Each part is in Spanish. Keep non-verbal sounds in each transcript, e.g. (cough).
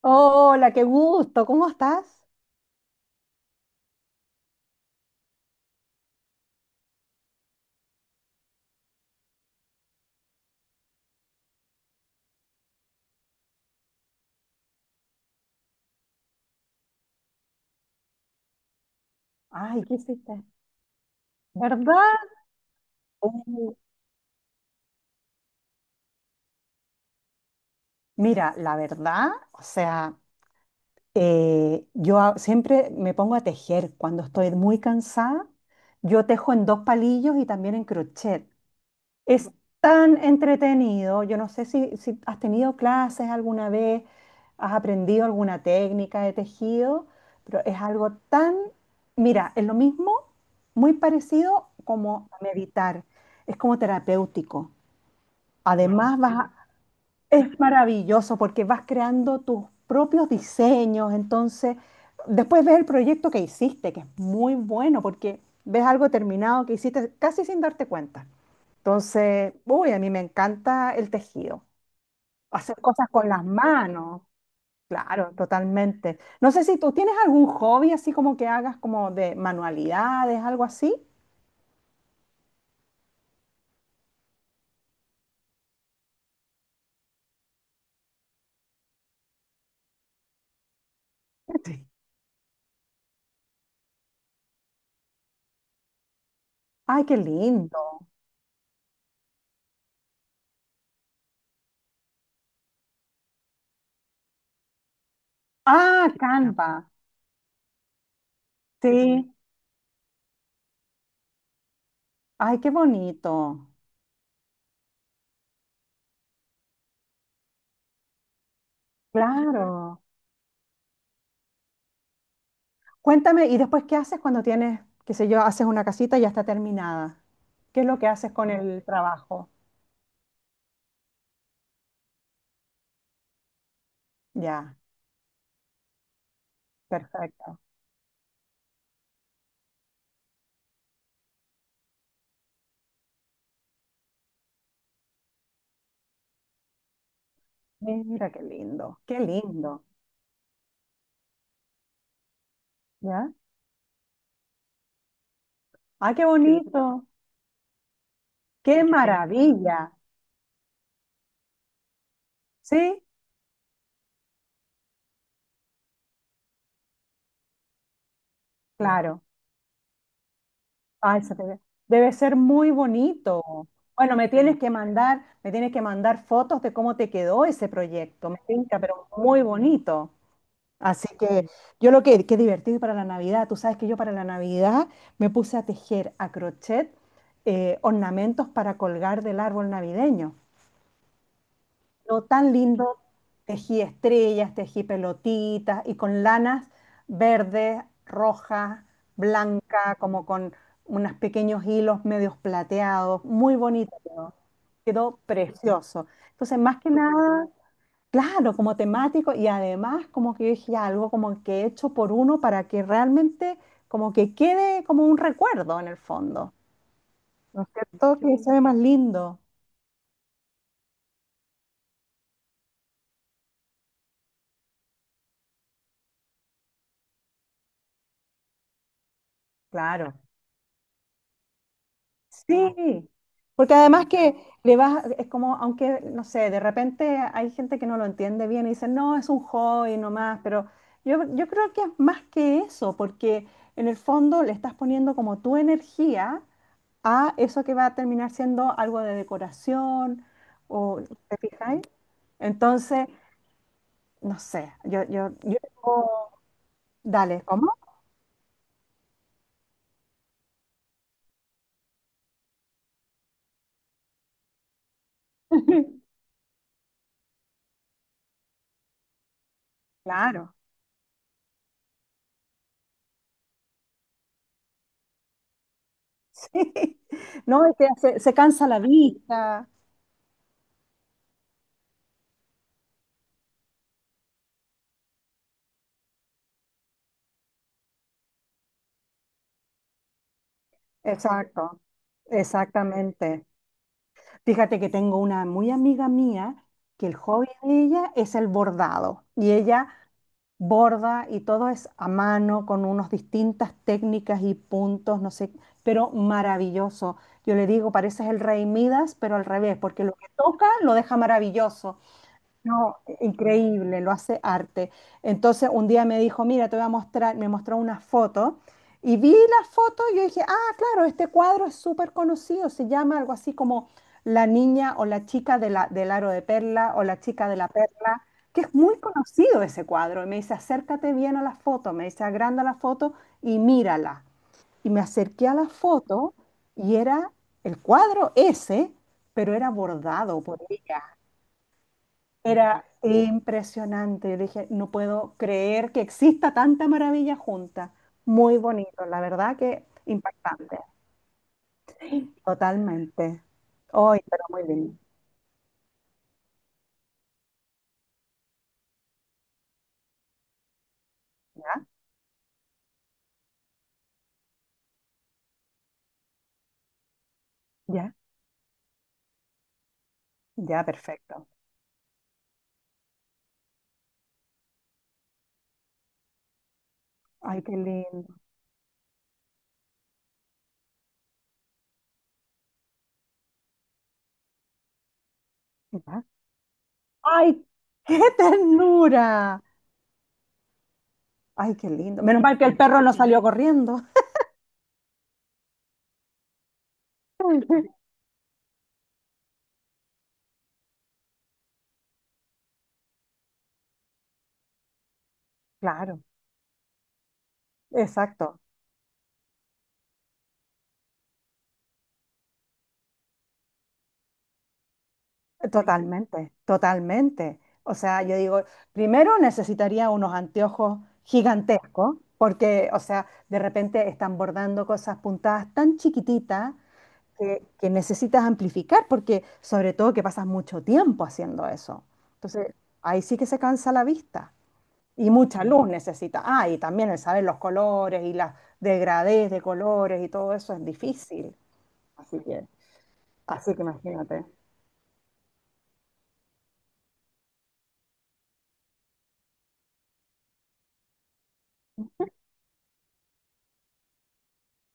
Hola, qué gusto, ¿cómo estás? Ay, ¿qué hiciste? ¿Verdad? Uh, Mira, la verdad, o sea, siempre me pongo a tejer cuando estoy muy cansada. Yo tejo en dos palillos y también en crochet. Es tan entretenido. Yo no sé si has tenido clases alguna vez, has aprendido alguna técnica de tejido, pero es algo tan, mira, es lo mismo, muy parecido como a meditar. Es como terapéutico. Wow. Además, vas sí, es maravilloso porque vas creando tus propios diseños. Entonces, después ves el proyecto que hiciste, que es muy bueno porque ves algo terminado que hiciste casi sin darte cuenta. Entonces, uy, a mí me encanta el tejido, hacer cosas con las manos, claro, totalmente. No sé si tú tienes algún hobby así como que hagas como de manualidades, algo así. Sí. Ay, qué lindo. Ah, ah, Canva. Sí. Ay, qué bonito. Claro. Cuéntame, ¿y después qué haces cuando tienes, qué sé yo, haces una casita y ya está terminada? ¿Qué es lo que haces con el trabajo? Ya, perfecto. Mira, qué lindo. Qué lindo. ¿Ya? ¡Ay, qué, sí, bonito! ¡Qué maravilla! ¿Sí? Claro. Ay, se te ve. Debe ser muy bonito. Bueno, me tienes sí, que mandar fotos de cómo te quedó ese proyecto. Me pinta, pero muy bonito. Así que sí. Qué divertido para la Navidad. Tú sabes que yo para la Navidad me puse a tejer a crochet ornamentos para colgar del árbol navideño. Lo tan lindo, tejí estrellas, tejí pelotitas y con lanas verdes, rojas, blanca, como con unos pequeños hilos medios plateados, muy bonito quedó, precioso. Entonces, más que nada, claro, como temático y además como que yo dije: "Ya, algo como que hecho por uno para que realmente como que quede como un recuerdo en el fondo, ¿no es cierto? Que se ve más lindo, claro". Sí, porque además que le vas, es como, aunque, no sé, de repente hay gente que no lo entiende bien y dice, no, es un hobby nomás, pero yo creo que es más que eso, porque en el fondo le estás poniendo como tu energía a eso que va a terminar siendo algo de decoración, o, ¿te fijáis? Entonces, no sé, digo, dale, ¿cómo? Claro, (laughs) sí, no, es que se cansa la vista. Exacto, exactamente. Fíjate que tengo una muy amiga mía que el hobby de ella es el bordado y ella borda, y todo es a mano con unas distintas técnicas y puntos, no sé, pero maravilloso. Yo le digo, pareces el rey Midas, pero al revés, porque lo que toca lo deja maravilloso. No, increíble, lo hace arte. Entonces un día me dijo, mira, te voy a mostrar, me mostró una foto y vi la foto y yo dije, ah, claro, este cuadro es súper conocido, se llama algo así como La Niña o La Chica de del Aro de Perla o La Chica de la Perla, que es muy conocido ese cuadro. Y me dice, acércate bien a la foto, me dice, agranda la foto y mírala. Y me acerqué a la foto y era el cuadro ese, pero era bordado por ella. Era impresionante. Yo dije, no puedo creer que exista tanta maravilla junta. Muy bonito, la verdad que impactante, totalmente. Hoy, pero muy lindo. ¿Ya? ¿Ya? Ya, perfecto. Ay, qué lindo. ¿Ya? Ay, qué ternura. Ay, qué lindo. Menos mal que el perro no salió corriendo. (laughs) Claro, exacto. Totalmente, totalmente. O sea, yo digo, primero necesitaría unos anteojos gigantescos, porque, o sea, de repente están bordando cosas puntadas tan chiquititas que necesitas amplificar, porque sobre todo que pasas mucho tiempo haciendo eso. Entonces, ahí sí que se cansa la vista y mucha luz necesita. Ah, y también el saber los colores y las degradés de colores y todo eso es difícil. Así que, así que imagínate.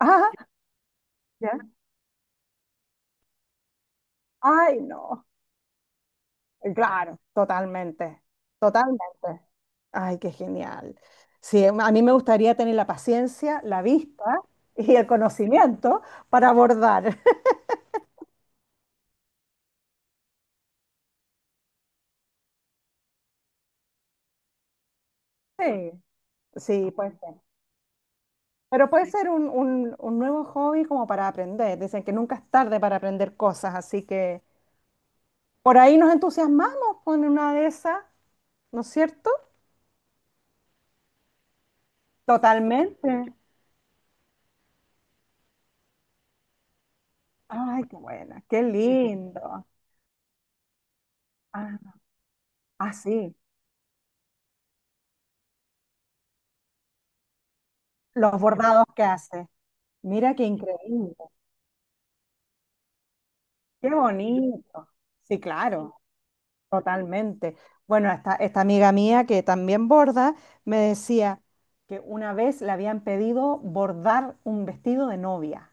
Ah, ya. Ay, no. Claro, totalmente. Ay, qué genial. Sí, a mí me gustaría tener la paciencia, la vista (laughs) y el conocimiento para abordar. (laughs) Sí, sí, puede ser. Pero puede ser un, un nuevo hobby como para aprender. Dicen que nunca es tarde para aprender cosas, así que por ahí nos entusiasmamos con una de esas, ¿no es cierto? Totalmente. Ay, qué buena, qué lindo. Ah, ah, sí, los bordados que hace. Mira qué increíble. Qué bonito. Sí, claro, totalmente. Bueno, esta amiga mía que también borda me decía que una vez le habían pedido bordar un vestido de novia,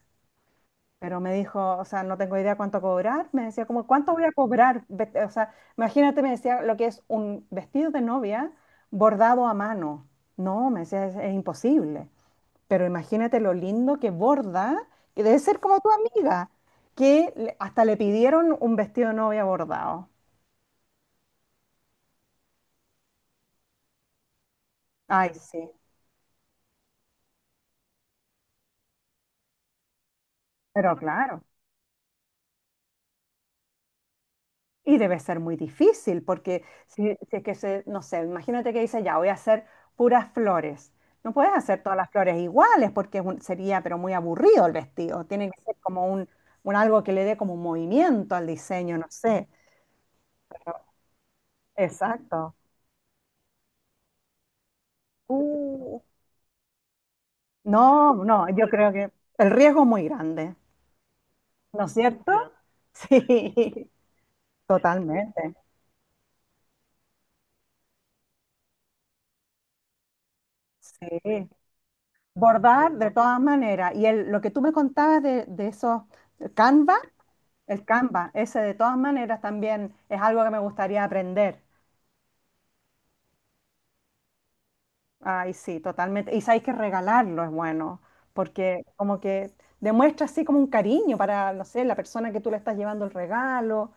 pero me dijo, o sea, no tengo idea cuánto cobrar. Me decía, como, ¿cuánto voy a cobrar? O sea, imagínate, me decía lo que es un vestido de novia bordado a mano. No, me decía, es imposible. Pero imagínate lo lindo que borda, que debe ser como tu amiga, que hasta le pidieron un vestido de novia bordado. Ay, sí, pero claro. Y debe ser muy difícil, porque si es que se, no sé, imagínate que dice, ya, voy a hacer puras flores. No puedes hacer todas las flores iguales, porque sería, pero muy aburrido el vestido. Tiene que ser como un, algo que le dé como un movimiento al diseño, no sé. Exacto. Uh, no, no, yo creo que el riesgo es muy grande. ¿No es cierto? Sí, (laughs) totalmente. Sí. Bordar de todas maneras. Lo que tú me contabas de esos Canva, el Canva, ese de todas maneras también es algo que me gustaría aprender. Ay, sí, totalmente. Y sabéis que regalarlo es bueno, porque como que demuestra así como un cariño para, no sé, la persona que tú le estás llevando el regalo,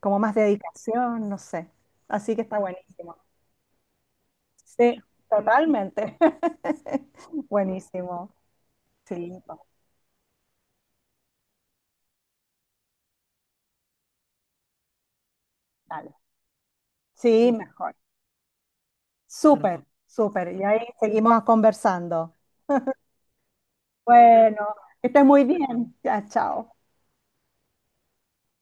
como más dedicación, no sé. Así que está buenísimo. Sí, totalmente. (laughs) Buenísimo. Sí, dale. Sí, mejor. Súper, perfecto, súper. Y ahí seguimos conversando. Bueno, que estés muy bien. Ya, chao.